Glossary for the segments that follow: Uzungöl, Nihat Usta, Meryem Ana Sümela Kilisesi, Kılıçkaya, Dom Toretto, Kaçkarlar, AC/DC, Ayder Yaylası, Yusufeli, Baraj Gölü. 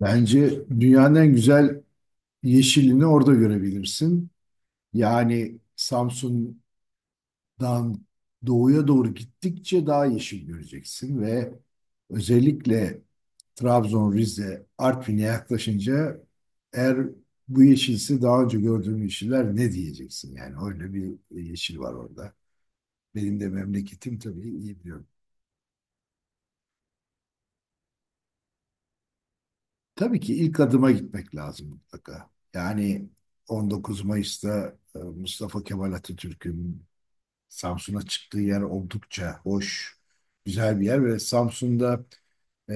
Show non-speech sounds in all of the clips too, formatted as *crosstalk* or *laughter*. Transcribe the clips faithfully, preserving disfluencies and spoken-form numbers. Bence dünyanın en güzel yeşilini orada görebilirsin. Yani Samsun'dan doğuya doğru gittikçe daha yeşil göreceksin ve özellikle Trabzon, Rize, Artvin'e yaklaşınca eğer bu yeşilse daha önce gördüğüm yeşiller ne diyeceksin? Yani öyle bir yeşil var orada. Benim de memleketim tabii iyi biliyorum. Tabii ki ilk adıma gitmek lazım mutlaka. Yani on dokuz Mayıs'ta e, Mustafa Kemal Atatürk'ün Samsun'a çıktığı yer oldukça hoş, güzel bir yer ve Samsun'da e,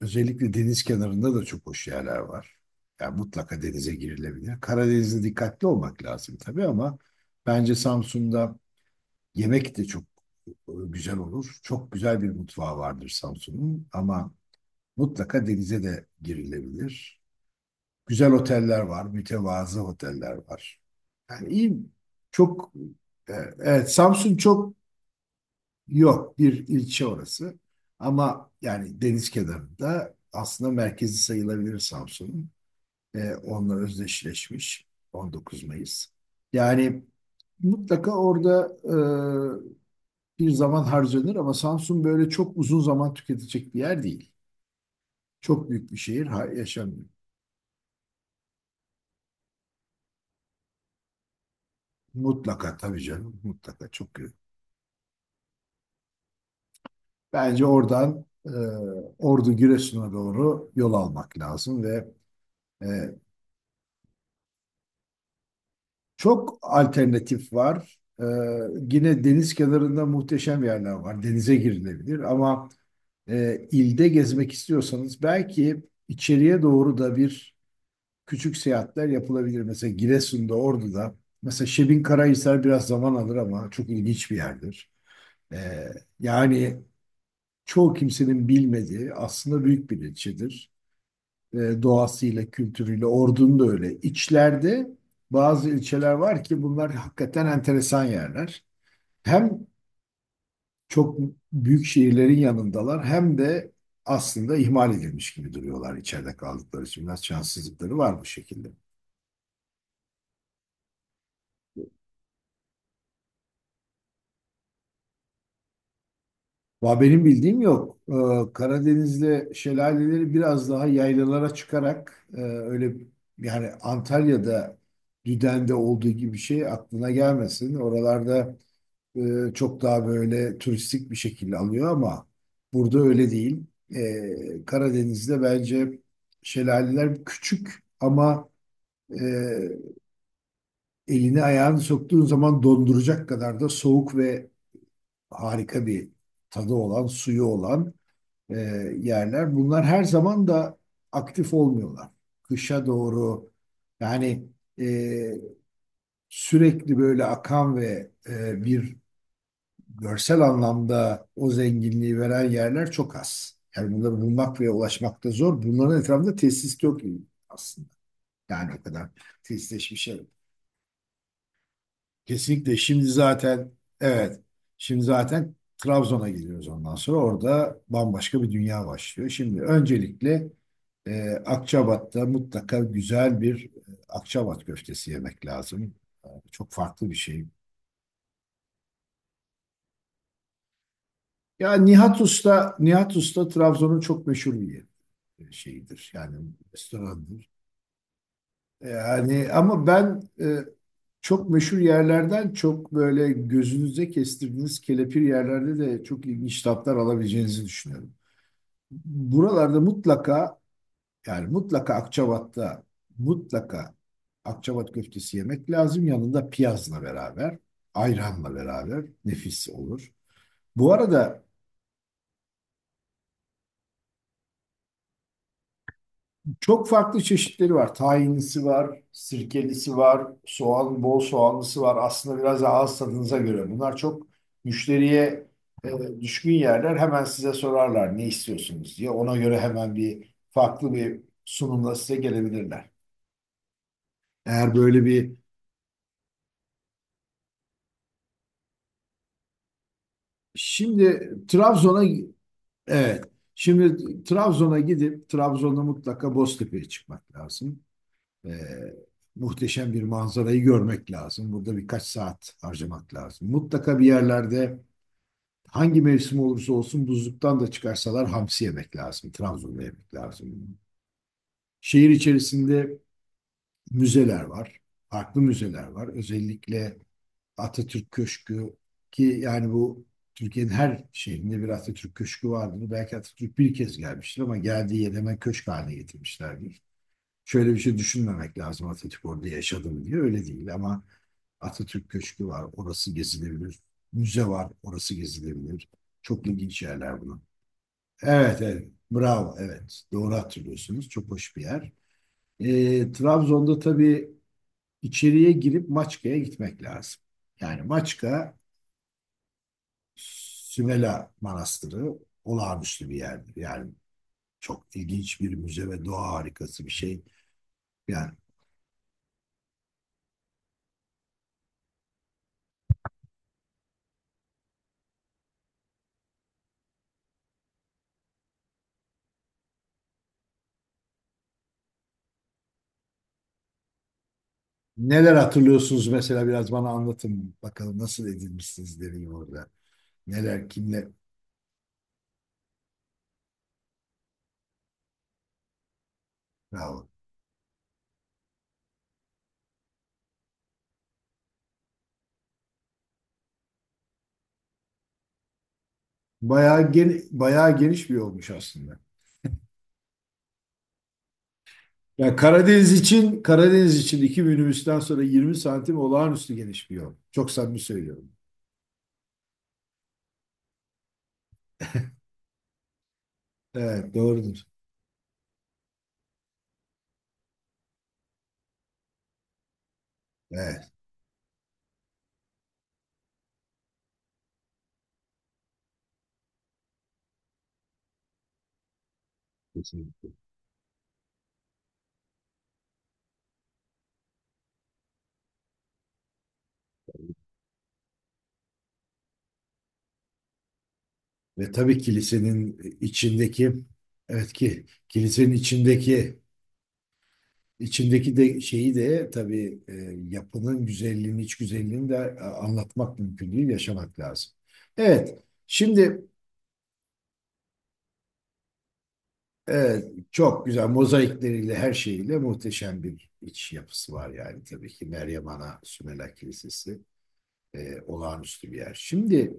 özellikle deniz kenarında da çok hoş yerler var. Yani mutlaka denize girilebilir. Karadeniz'de dikkatli olmak lazım tabii ama bence Samsun'da yemek de çok e, güzel olur. Çok güzel bir mutfağı vardır Samsun'un ama mutlaka denize de girilebilir. Güzel oteller var, mütevazı oteller var. Yani iyi, çok, e, evet, Samsun çok. Yok, bir ilçe orası. Ama yani deniz kenarında aslında merkezi sayılabilir Samsun'un. E, onunla özdeşleşmiş on dokuz Mayıs. Yani mutlaka orada e, bir zaman harcanır ama Samsun böyle çok uzun zaman tüketecek bir yer değil. Çok büyük bir şehir, ha, yaşanmıyor. Mutlaka tabii canım, mutlaka çok. Bence oradan e, Ordu Giresun'a doğru yol almak lazım ve e, çok alternatif var. E, yine deniz kenarında muhteşem yerler var. Denize girilebilir ama e, ilde gezmek istiyorsanız belki içeriye doğru da bir küçük seyahatler yapılabilir. Mesela Giresun'da, Ordu'da. Mesela Şebinkarahisar biraz zaman alır ama çok ilginç bir yerdir. E, yani çoğu kimsenin bilmediği aslında büyük bir ilçedir. E, doğasıyla, kültürüyle, Ordu'nun da öyle. İçlerde bazı ilçeler var ki bunlar hakikaten enteresan yerler. Hem çok büyük şehirlerin yanındalar hem de aslında ihmal edilmiş gibi duruyorlar içeride kaldıkları için. Biraz şanssızlıkları var bu şekilde. Va benim bildiğim yok. Ee, Karadeniz'de şelaleleri biraz daha yaylalara çıkarak e, öyle, yani Antalya'da Düden'de olduğu gibi bir şey aklına gelmesin. Oralarda e, çok daha böyle turistik bir şekilde alıyor ama burada öyle değil. E, Karadeniz'de bence şelaleler küçük ama e, elini ayağını soktuğun zaman donduracak kadar da soğuk ve harika bir tadı olan, suyu olan e, yerler. Bunlar her zaman da aktif olmuyorlar. Kışa doğru, yani, e, sürekli böyle akan ve e, bir görsel anlamda o zenginliği veren yerler çok az. Yani bunları bulmak ve ulaşmak da zor. Bunların etrafında tesis yok aslında. Yani o kadar tesisleşmiş yer yok. Kesinlikle, şimdi zaten evet şimdi zaten Trabzon'a gidiyoruz, ondan sonra orada bambaşka bir dünya başlıyor. Şimdi öncelikle e, Akçabat'ta mutlaka güzel bir e, Akçabat köftesi yemek lazım. E, çok farklı bir şey. Ya, Nihat Usta, Nihat Usta Trabzon'un çok meşhur bir yeri. E, şeyidir, yani restorandır. Yani ama ben, e, çok meşhur yerlerden çok böyle gözünüze kestirdiğiniz kelepir yerlerde de çok ilginç tatlar alabileceğinizi düşünüyorum. Buralarda mutlaka, yani mutlaka Akçabat'ta, mutlaka Akçabat köftesi yemek lazım. Yanında piyazla beraber, ayranla beraber nefis olur. Bu arada çok farklı çeşitleri var. Tahinlisi var, sirkelisi var, soğan, bol soğanlısı var. Aslında biraz da ağız tadınıza göre. Bunlar çok müşteriye e, düşkün yerler. Hemen size sorarlar ne istiyorsunuz diye. Ona göre hemen bir farklı bir sunumla size gelebilirler. Eğer böyle bir... Şimdi Trabzon'a... Evet. Şimdi Trabzon'a gidip Trabzon'a mutlaka Boztepe'ye çıkmak lazım. E, muhteşem bir manzarayı görmek lazım. Burada birkaç saat harcamak lazım. Mutlaka bir yerlerde, hangi mevsim olursa olsun, buzluktan da çıkarsalar hamsi yemek lazım. Trabzon'da yemek lazım. Şehir içerisinde müzeler var. Farklı müzeler var. Özellikle Atatürk Köşkü, ki yani bu, Türkiye'nin her şehrinde bir Atatürk Köşkü vardır. Belki Atatürk bir kez gelmiştir ama geldiği yer hemen köşk haline getirmişlerdir. Şöyle bir şey düşünmemek lazım: Atatürk orada yaşadım diye, öyle değil, ama Atatürk Köşkü var, orası gezilebilir. Müze var, orası gezilebilir. Çok ilginç yerler bunlar. Evet, evet, bravo, evet, doğru hatırlıyorsunuz, çok hoş bir yer. Ee, Trabzon'da tabii içeriye girip Maçka'ya gitmek lazım. Yani Maçka Sümela Manastırı olağanüstü bir yerdir. Yani çok ilginç bir müze ve doğa harikası bir şey. Yani. Neler hatırlıyorsunuz mesela? Biraz bana anlatın bakalım, nasıl edinmişsiniz deneyim orada? Neler, kimle, bravo. Bayağı geni, bayağı geniş bir olmuş aslında. Ya, Karadeniz için, Karadeniz için iki minibüsten sonra yirmi santim olağanüstü geniş bir yol. Çok samimi söylüyorum. Evet, doğrudur. Evet, kesinlikle. Ve tabii kilisenin içindeki, evet, ki kilisenin içindeki, İçindeki de, şeyi de tabii, e, yapının güzelliğini, iç güzelliğini de e, anlatmak mümkün değil, yaşamak lazım. Evet, şimdi e, çok güzel mozaikleriyle, her şeyiyle muhteşem bir iç yapısı var. Yani tabii ki Meryem Ana Sümela Kilisesi e, olağanüstü bir yer. Şimdi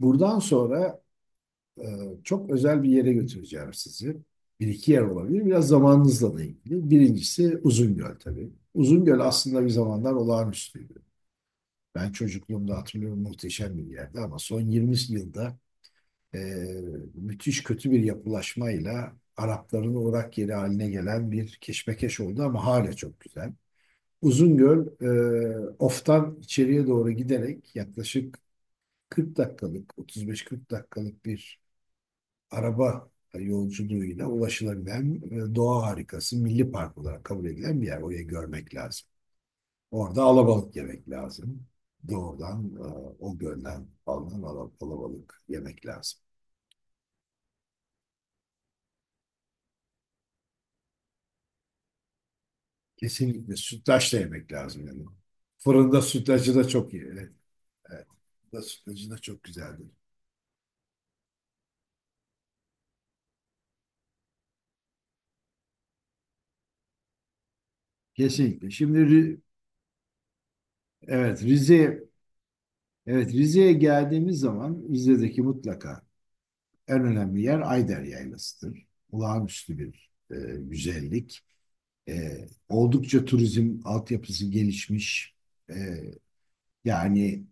buradan sonra e, çok özel bir yere götüreceğim sizi. Bir iki yer olabilir. Biraz zamanınızla da ilgili. Birincisi Uzungöl tabii. Uzungöl aslında bir zamanlar olağanüstüydü. Ben çocukluğumda hatırlıyorum, muhteşem bir yerdi ama son yirmi yılda e, müthiş kötü bir yapılaşmayla Arapların uğrak yeri haline gelen bir keşmekeş oldu, ama hala çok güzel. Uzungöl, e, Of'tan içeriye doğru giderek yaklaşık kırk dakikalık, otuz beş kırk dakikalık bir araba yolculuğuyla ulaşılabilen, e, doğa harikası, milli park olarak kabul edilen bir yer. Orayı görmek lazım. Orada alabalık yemek lazım. Doğrudan e, o gölden alınan ala- alabalık yemek lazım. Kesinlikle sütlaç da yemek lazım, yani. Fırında sütlacı da çok iyi. Evet, evet. Fırında sütlacı da çok güzeldir. Kesinlikle. Şimdi Ri- evet Rize evet Rize'ye geldiğimiz zaman Rize'deki mutlaka en önemli yer Ayder Yaylası'dır. Olağanüstü bir e, güzellik. E, oldukça turizm altyapısı gelişmiş. E, yani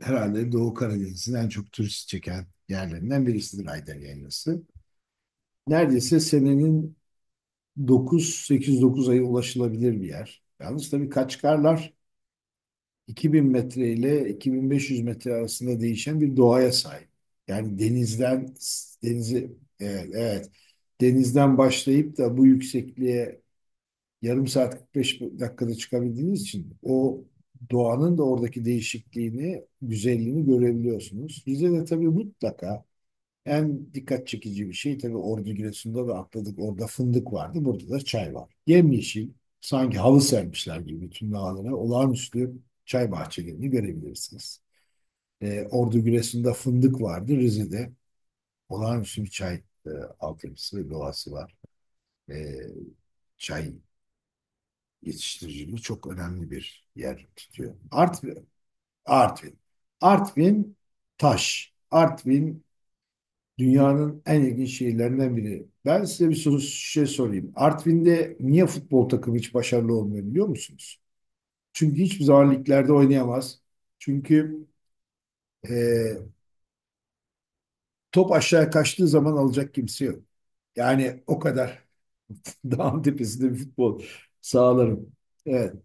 herhalde Doğu Karadeniz'in en çok turist çeken yerlerinden birisidir Ayder Yaylası. Neredeyse senenin dokuz, sekiz dokuz ayı ulaşılabilir bir yer. Yalnız tabii Kaçkarlar iki bin metre ile iki bin beş yüz metre arasında değişen bir doğaya sahip. Yani denizden denizi evet, evet denizden başlayıp da bu yüksekliğe yarım saat kırk beş dakikada çıkabildiğiniz için o doğanın da oradaki değişikliğini, güzelliğini görebiliyorsunuz. Rize'de tabii mutlaka en dikkat çekici bir şey, tabii Ordu Giresun'da ve atladık orada, fındık vardı. Burada da çay var. Yemyeşil, sanki halı sermişler gibi bütün dağlara, olağanüstü çay bahçelerini görebilirsiniz. Ee, Ordu Giresun'da fındık vardı. Rize'de olağanüstü bir çay e, altyapısı ve doğası var. Ee, çay yetiştiriciliği çok önemli bir yer tutuyor. Artvin, Artvin. Artvin taş. Artvin dünyanın en ilginç şehirlerinden biri. Ben size bir soru şey sorayım. Artvin'de niye futbol takımı hiç başarılı olmuyor biliyor musunuz? Çünkü hiçbir zaman liglerde oynayamaz. Çünkü e, top aşağıya kaçtığı zaman alacak kimse yok. Yani o kadar *laughs* dağın tepesinde bir futbol sağlarım. Evet.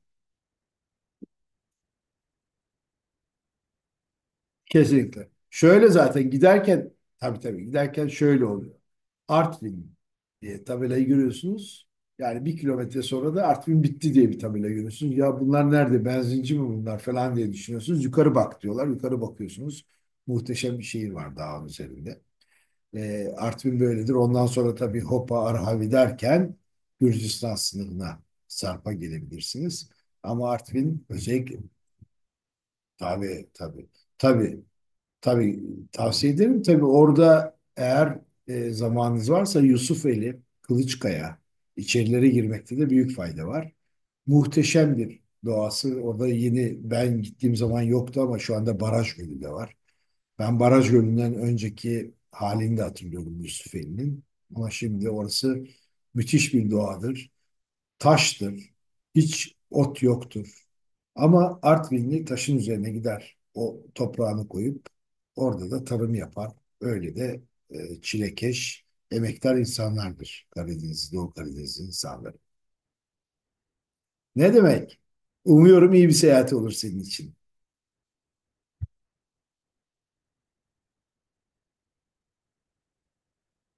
Kesinlikle. Şöyle zaten giderken, tabii tabii, giderken şöyle oluyor. Artvin diye tabelayı görüyorsunuz. Yani bir kilometre sonra da Artvin bitti diye bir tabela görüyorsunuz. Ya bunlar nerede? Benzinci mi bunlar falan diye düşünüyorsunuz. Yukarı bak diyorlar. Yukarı bakıyorsunuz. Muhteşem bir şehir var dağın üzerinde. Ee, Artvin böyledir. Ondan sonra tabii Hopa, Arhavi derken Gürcistan sınırına, Sarp'a gelebilirsiniz. Ama Artvin özellikle, tabii, tabii, tabii. Tabii tavsiye ederim. Tabii orada eğer e, zamanınız varsa Yusufeli, Kılıçkaya, içerilere girmekte de büyük fayda var. Muhteşem bir doğası. Orada yeni, ben gittiğim zaman yoktu ama şu anda Baraj Gölü de var. Ben Baraj Gölü'nden önceki halini de hatırlıyorum Yusufeli'nin. Ama şimdi orası müthiş bir doğadır, taştır. Hiç ot yoktur. Ama Artvinli taşın üzerine gider, o toprağını koyup orada da tarım yapar. Öyle de e, çilekeş, emektar insanlardır Karadeniz, Doğu Karadeniz insanları. Ne demek? Umuyorum iyi bir seyahat olur senin için.